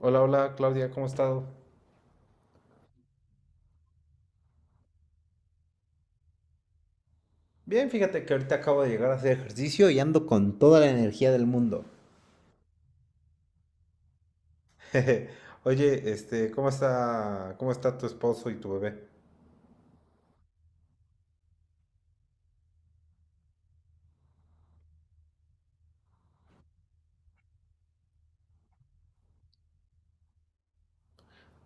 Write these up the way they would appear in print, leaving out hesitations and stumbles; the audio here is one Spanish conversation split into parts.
Hola, hola Claudia, ¿cómo has estado? Bien, fíjate que ahorita acabo de llegar a hacer ejercicio y ando con toda la energía del mundo. Jeje. Oye, ¿cómo está tu esposo y tu bebé?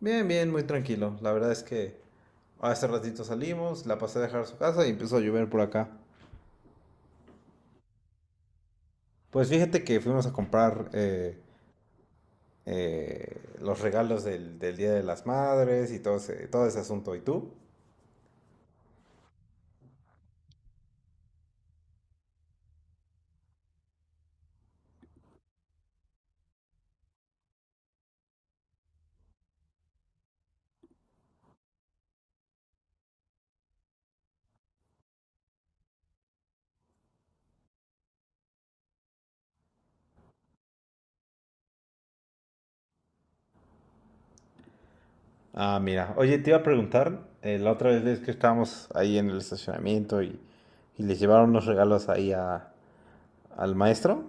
Bien, bien, muy tranquilo. La verdad es que hace ratito salimos, la pasé a dejar a su casa y empezó a llover por acá. Pues fíjate que fuimos a comprar los regalos del Día de las Madres y todo ese asunto. ¿Y tú? Ah, mira. Oye, te iba a preguntar, la otra vez ves que estábamos ahí en el estacionamiento y les llevaron los regalos ahí a- al maestro,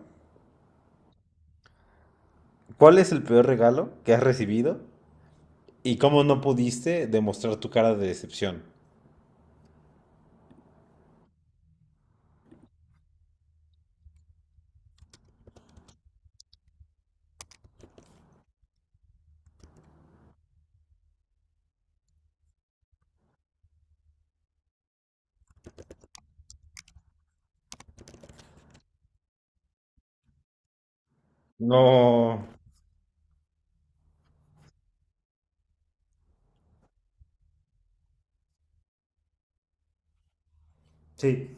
¿cuál es el peor regalo que has recibido y cómo no pudiste demostrar tu cara de decepción? No. Sí,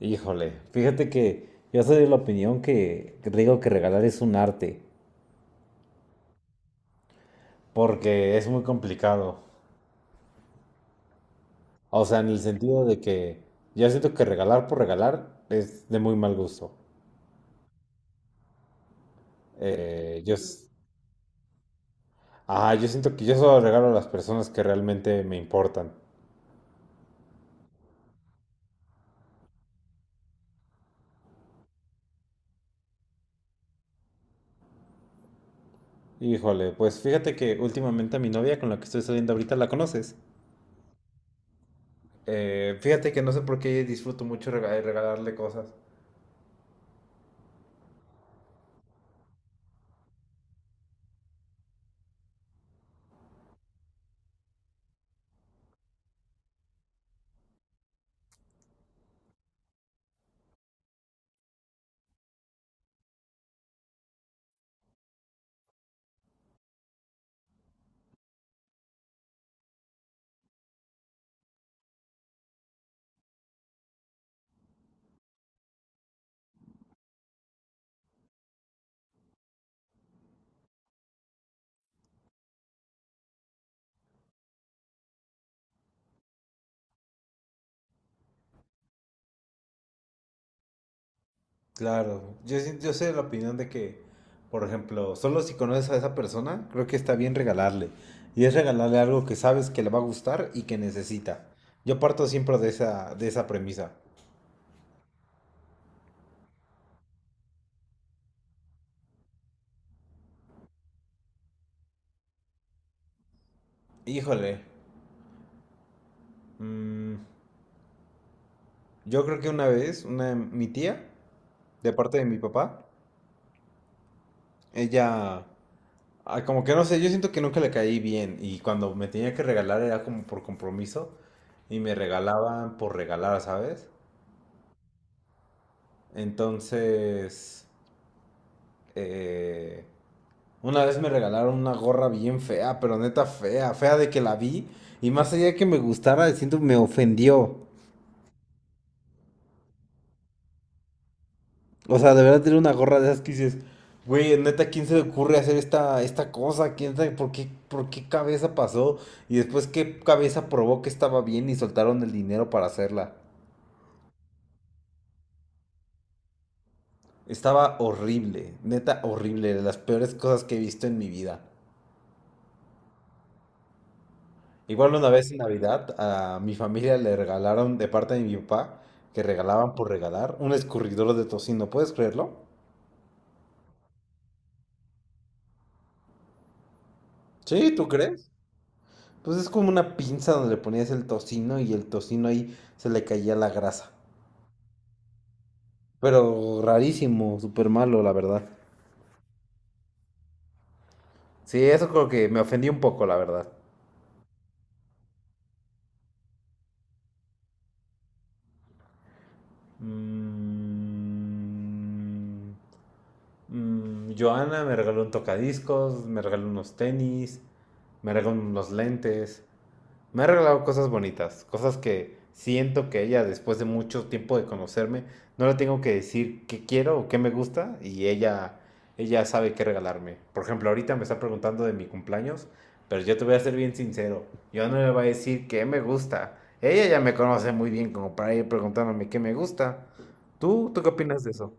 híjole, fíjate que yo soy de la opinión que digo que regalar es un arte, porque es muy complicado. O sea, en el sentido de que yo siento que regalar por regalar es de muy mal gusto. Yo, s- Ah, yo siento que yo solo regalo a las personas que realmente me importan. Híjole, pues fíjate que últimamente a mi novia con la que estoy saliendo ahorita la conoces. Fíjate que no sé por qué disfruto mucho regalarle cosas. Claro, yo, sí- yo sé la opinión de que, por ejemplo, solo si conoces a esa persona, creo que está bien regalarle. Y es regalarle algo que sabes que le va a gustar y que necesita. Yo parto siempre de de esa premisa. Híjole, mm, yo creo que mi tía de parte de mi papá, ella, como que no sé, yo siento que nunca le caí bien y cuando me tenía que regalar era como por compromiso y me regalaban por regalar, ¿sabes? Entonces, eh, una vez me regalaron una gorra bien fea, pero neta fea, fea de que la vi y más allá de que me gustara, siento me ofendió. O sea, de verdad tiene una gorra de esas que dices, güey, neta, ¿quién se le ocurre hacer esta cosa? ¿Quién sabe por qué cabeza pasó? Y después, ¿qué cabeza probó que estaba bien y soltaron el dinero para hacerla? Estaba horrible, neta horrible, de las peores cosas que he visto en mi vida. Igual una vez en Navidad a mi familia le regalaron de parte de mi papá, que regalaban por regalar, un escurridor de tocino, ¿puedes creerlo? Sí, ¿tú crees? Pues es como una pinza donde le ponías el tocino y el tocino ahí se le caía la grasa. Pero rarísimo, súper malo, la verdad. Sí, eso creo que me ofendí un poco, la verdad. Mm, Joana me regaló un tocadiscos, me regaló unos tenis, me regaló unos lentes. Me ha regalado cosas bonitas, cosas que siento que ella, después de mucho tiempo de conocerme, no le tengo que decir qué quiero o qué me gusta ella sabe qué regalarme. Por ejemplo, ahorita me está preguntando de mi cumpleaños, pero yo te voy a ser bien sincero, yo no le voy a decir qué me gusta. Ella ya me conoce muy bien como para ir preguntándome qué me gusta. Tú qué opinas de eso?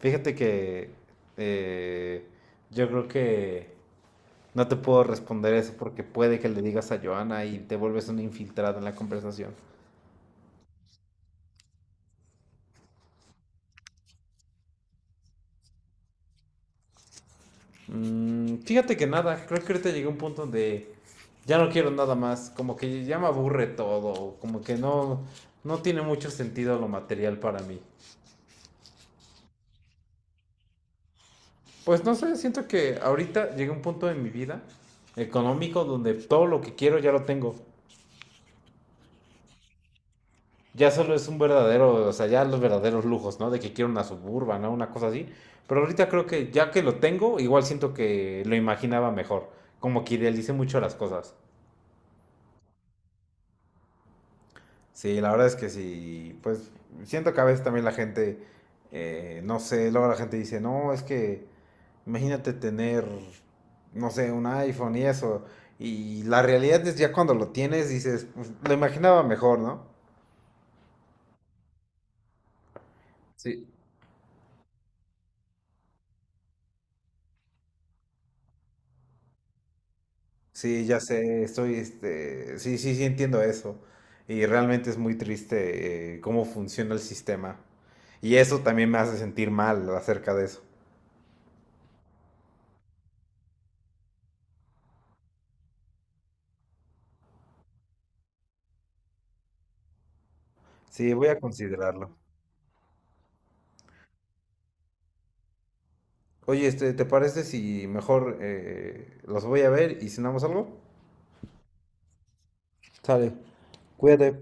Fíjate que eh, yo creo que no te puedo responder eso porque puede que le digas a Johanna y te vuelves un infiltrado en la conversación. Fíjate que nada, creo que ahorita llegué a un punto donde ya no quiero nada más, como que ya me aburre todo, como que no, no tiene mucho sentido lo material para mí. Pues no sé, siento que ahorita llegué a un punto en mi vida económico donde todo lo que quiero ya lo tengo. Ya solo es un verdadero, o sea, ya los verdaderos lujos, ¿no? De que quiero una suburban, ¿no? Una cosa así. Pero ahorita creo que ya que lo tengo, igual siento que lo imaginaba mejor. Como que idealicé mucho las cosas. Sí, la verdad es que sí, pues siento que a veces también no sé, luego la gente dice, no, es que imagínate tener, no sé, un iPhone y eso. Y la realidad es ya cuando lo tienes, dices, pues, lo imaginaba mejor, ¿no? Sí, sí, ya sé, estoy, sí, sí, sí entiendo eso. Y realmente es muy triste cómo funciona el sistema. Y eso también me hace sentir mal acerca de eso. Sí, voy a considerarlo. Oye, ¿te parece si mejor los voy a ver y cenamos algo? Sale, cuídate.